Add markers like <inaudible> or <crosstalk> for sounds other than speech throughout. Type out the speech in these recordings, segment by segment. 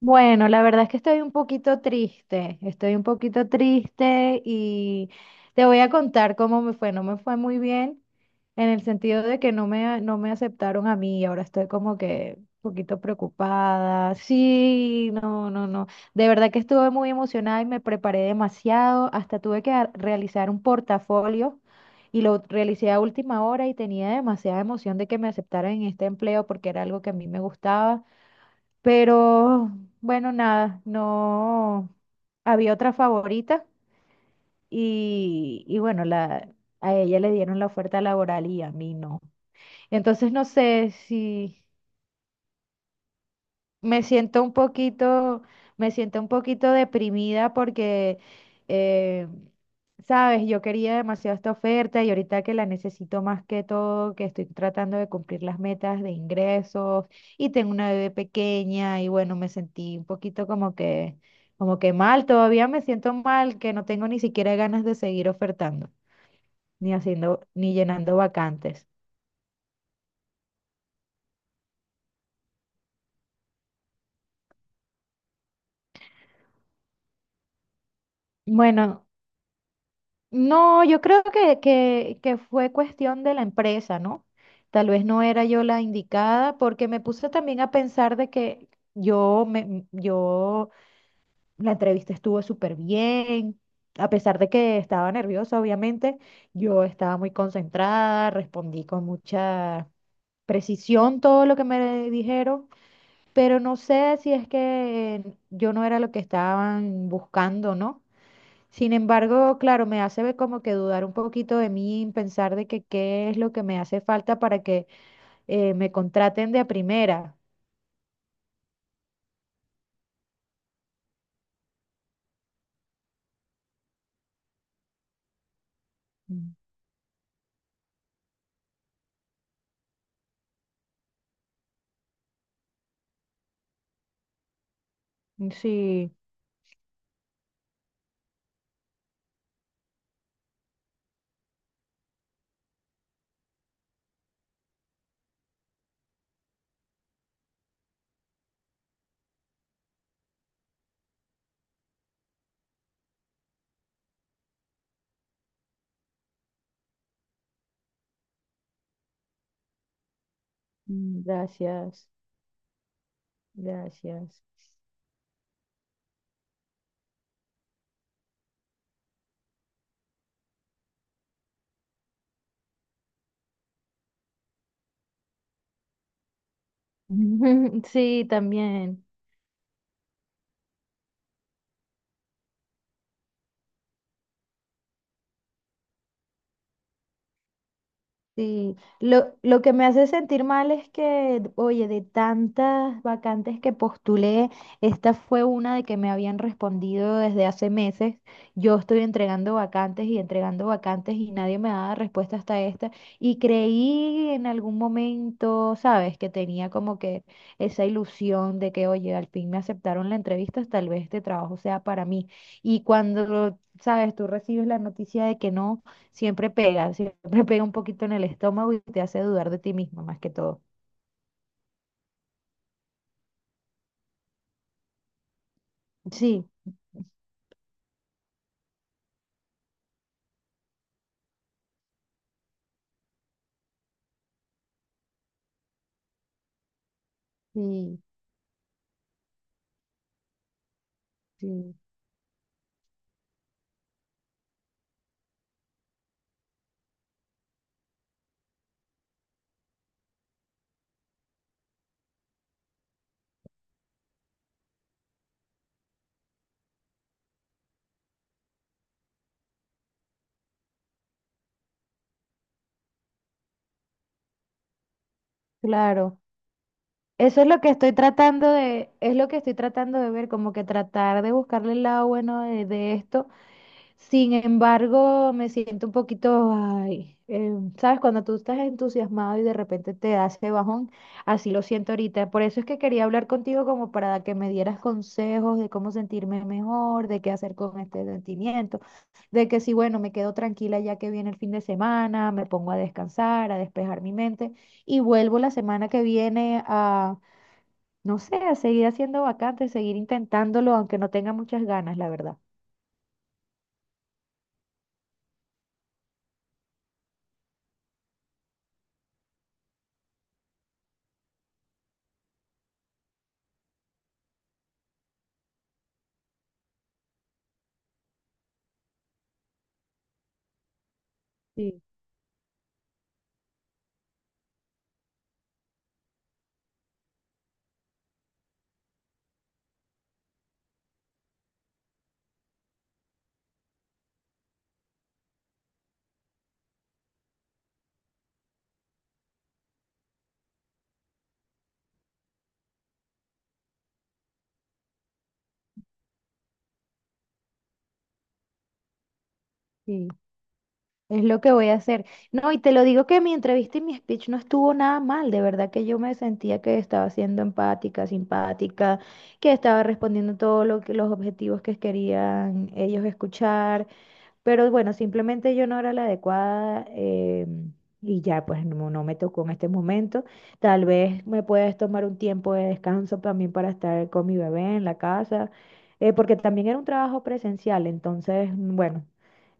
Bueno, la verdad es que estoy un poquito triste, estoy un poquito triste y te voy a contar cómo me fue. No me fue muy bien en el sentido de que no me aceptaron a mí ahora estoy como que un poquito preocupada. Sí, no, no, no. De verdad que estuve muy emocionada y me preparé demasiado. Hasta tuve que realizar un portafolio y lo realicé a última hora y tenía demasiada emoción de que me aceptaran en este empleo porque era algo que a mí me gustaba. Pero bueno, nada, no había otra favorita y bueno, la, a ella le dieron la oferta laboral y a mí no. Entonces no sé si, me siento un poquito, me siento un poquito deprimida porque, eh, sabes, yo quería demasiado esta oferta y ahorita que la necesito más que todo, que estoy tratando de cumplir las metas de ingresos y tengo una bebé pequeña y bueno, me sentí un poquito como que mal, todavía me siento mal, que no tengo ni siquiera ganas de seguir ofertando, ni haciendo, ni llenando vacantes. Bueno, no, yo creo que fue cuestión de la empresa, ¿no? Tal vez no era yo la indicada, porque me puse también a pensar de que yo, la entrevista estuvo súper bien, a pesar de que estaba nerviosa, obviamente, yo estaba muy concentrada, respondí con mucha precisión todo lo que me dijeron, pero no sé si es que yo no era lo que estaban buscando, ¿no? Sin embargo, claro, me hace ver como que dudar un poquito de mí, pensar de que qué es lo que me hace falta para que me contraten de a primera. Mm, sí, mm, gracias, gracias. <laughs> Sí, también. Sí, lo que me hace sentir mal es que, oye, de tantas vacantes que postulé, esta fue una de que me habían respondido desde hace meses. Yo estoy entregando vacantes y nadie me da respuesta hasta esta. Y creí en algún momento, ¿sabes? Que tenía como que esa ilusión de que, oye, al fin me aceptaron la entrevista, tal vez este trabajo sea para mí. Y cuando, ¿sabes? Tú recibes la noticia de que no. Siempre pega un poquito en el estómago y te hace dudar de ti mismo más que todo. Sí, sí, sí, claro. Eso es lo que estoy tratando de, es lo que estoy tratando de ver, como que tratar de buscarle el lado bueno de esto. Sin embargo, me siento un poquito, ay, ¿sabes? Cuando tú estás entusiasmado y de repente te das ese bajón, así lo siento ahorita. Por eso es que quería hablar contigo como para que me dieras consejos de cómo sentirme mejor, de qué hacer con este sentimiento, de que si, bueno, me quedo tranquila ya que viene el fin de semana, me pongo a descansar, a despejar mi mente y vuelvo la semana que viene a, no sé, a seguir haciendo vacantes, seguir intentándolo, aunque no tenga muchas ganas, la verdad. Sí, sí. Es lo que voy a hacer. No, y te lo digo que mi entrevista y mi speech no estuvo nada mal. De verdad que yo me sentía que estaba siendo empática, simpática, que estaba respondiendo todos los objetivos que querían ellos escuchar. Pero bueno, simplemente yo no era la adecuada y ya pues no, no me tocó en este momento. Tal vez me puedes tomar un tiempo de descanso también para estar con mi bebé en la casa, porque también era un trabajo presencial, entonces bueno,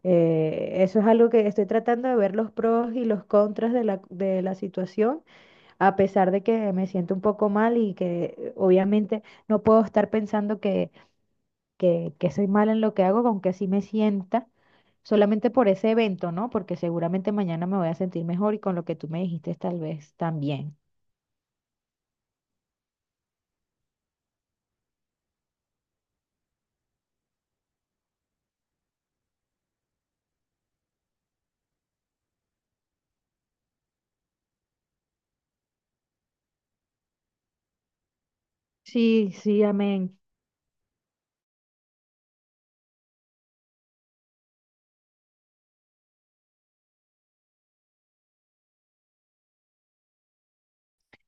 eso es algo que estoy tratando de ver los pros y los contras de de la situación, a pesar de que me siento un poco mal y que obviamente no puedo estar pensando que que soy mala en lo que hago, con que así me sienta, solamente por ese evento, ¿no? Porque seguramente mañana me voy a sentir mejor y con lo que tú me dijiste tal vez también. Sí, sí, amén.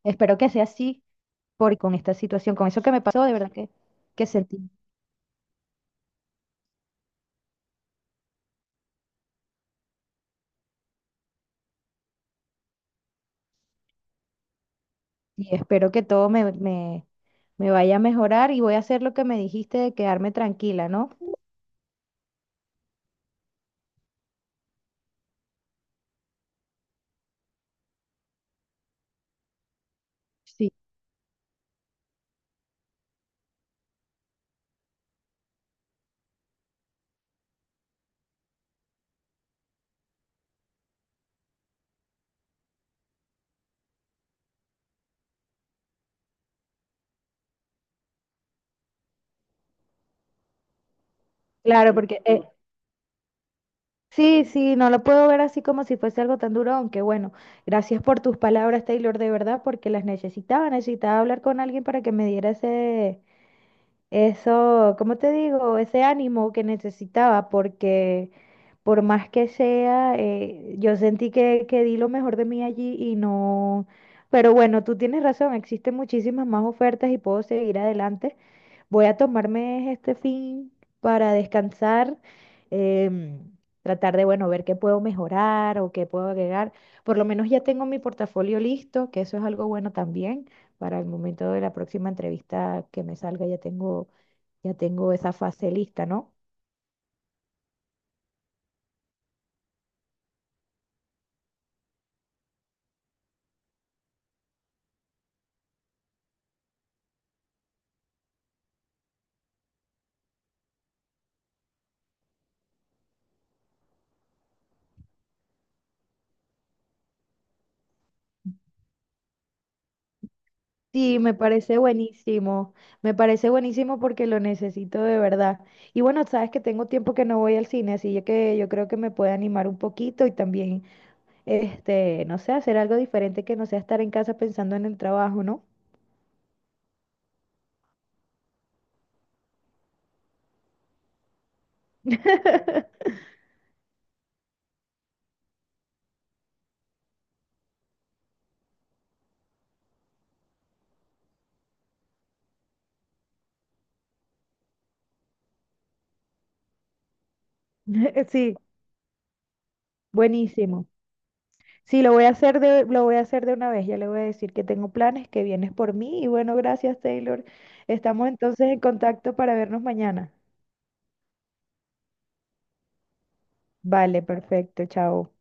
Espero que sea así, por con esta situación, con eso que me pasó, de verdad que sentí. Y espero que todo me vaya a mejorar y voy a hacer lo que me dijiste de quedarme tranquila, ¿no? Sí, claro, porque sí, sí, no lo puedo ver así como si fuese algo tan duro, aunque bueno, gracias por tus palabras, Taylor, de verdad, porque las necesitaba, necesitaba hablar con alguien para que me diera ese, eso, ¿cómo te digo? Ese ánimo que necesitaba, porque por más que sea, yo sentí que di lo mejor de mí allí y no... Pero bueno, tú tienes razón, existen muchísimas más ofertas y puedo seguir adelante. Voy a tomarme este fin para descansar, em, tratar de, bueno, ver qué puedo mejorar o qué puedo agregar. Por lo menos ya tengo mi portafolio listo, que eso es algo bueno también para el momento de la próxima entrevista que me salga, ya tengo esa fase lista, ¿no? Sí, me parece buenísimo porque lo necesito de verdad. Y bueno, sabes que tengo tiempo que no voy al cine, así que yo creo que me puede animar un poquito y también, este, no sé, hacer algo diferente que no sea estar en casa pensando en el trabajo, ¿no? <laughs> Sí, buenísimo. Sí, lo voy a hacer de una vez. Ya le voy a decir que tengo planes, que vienes por mí. Y bueno, gracias, Taylor. Estamos entonces en contacto para vernos mañana. Vale, perfecto. Chao.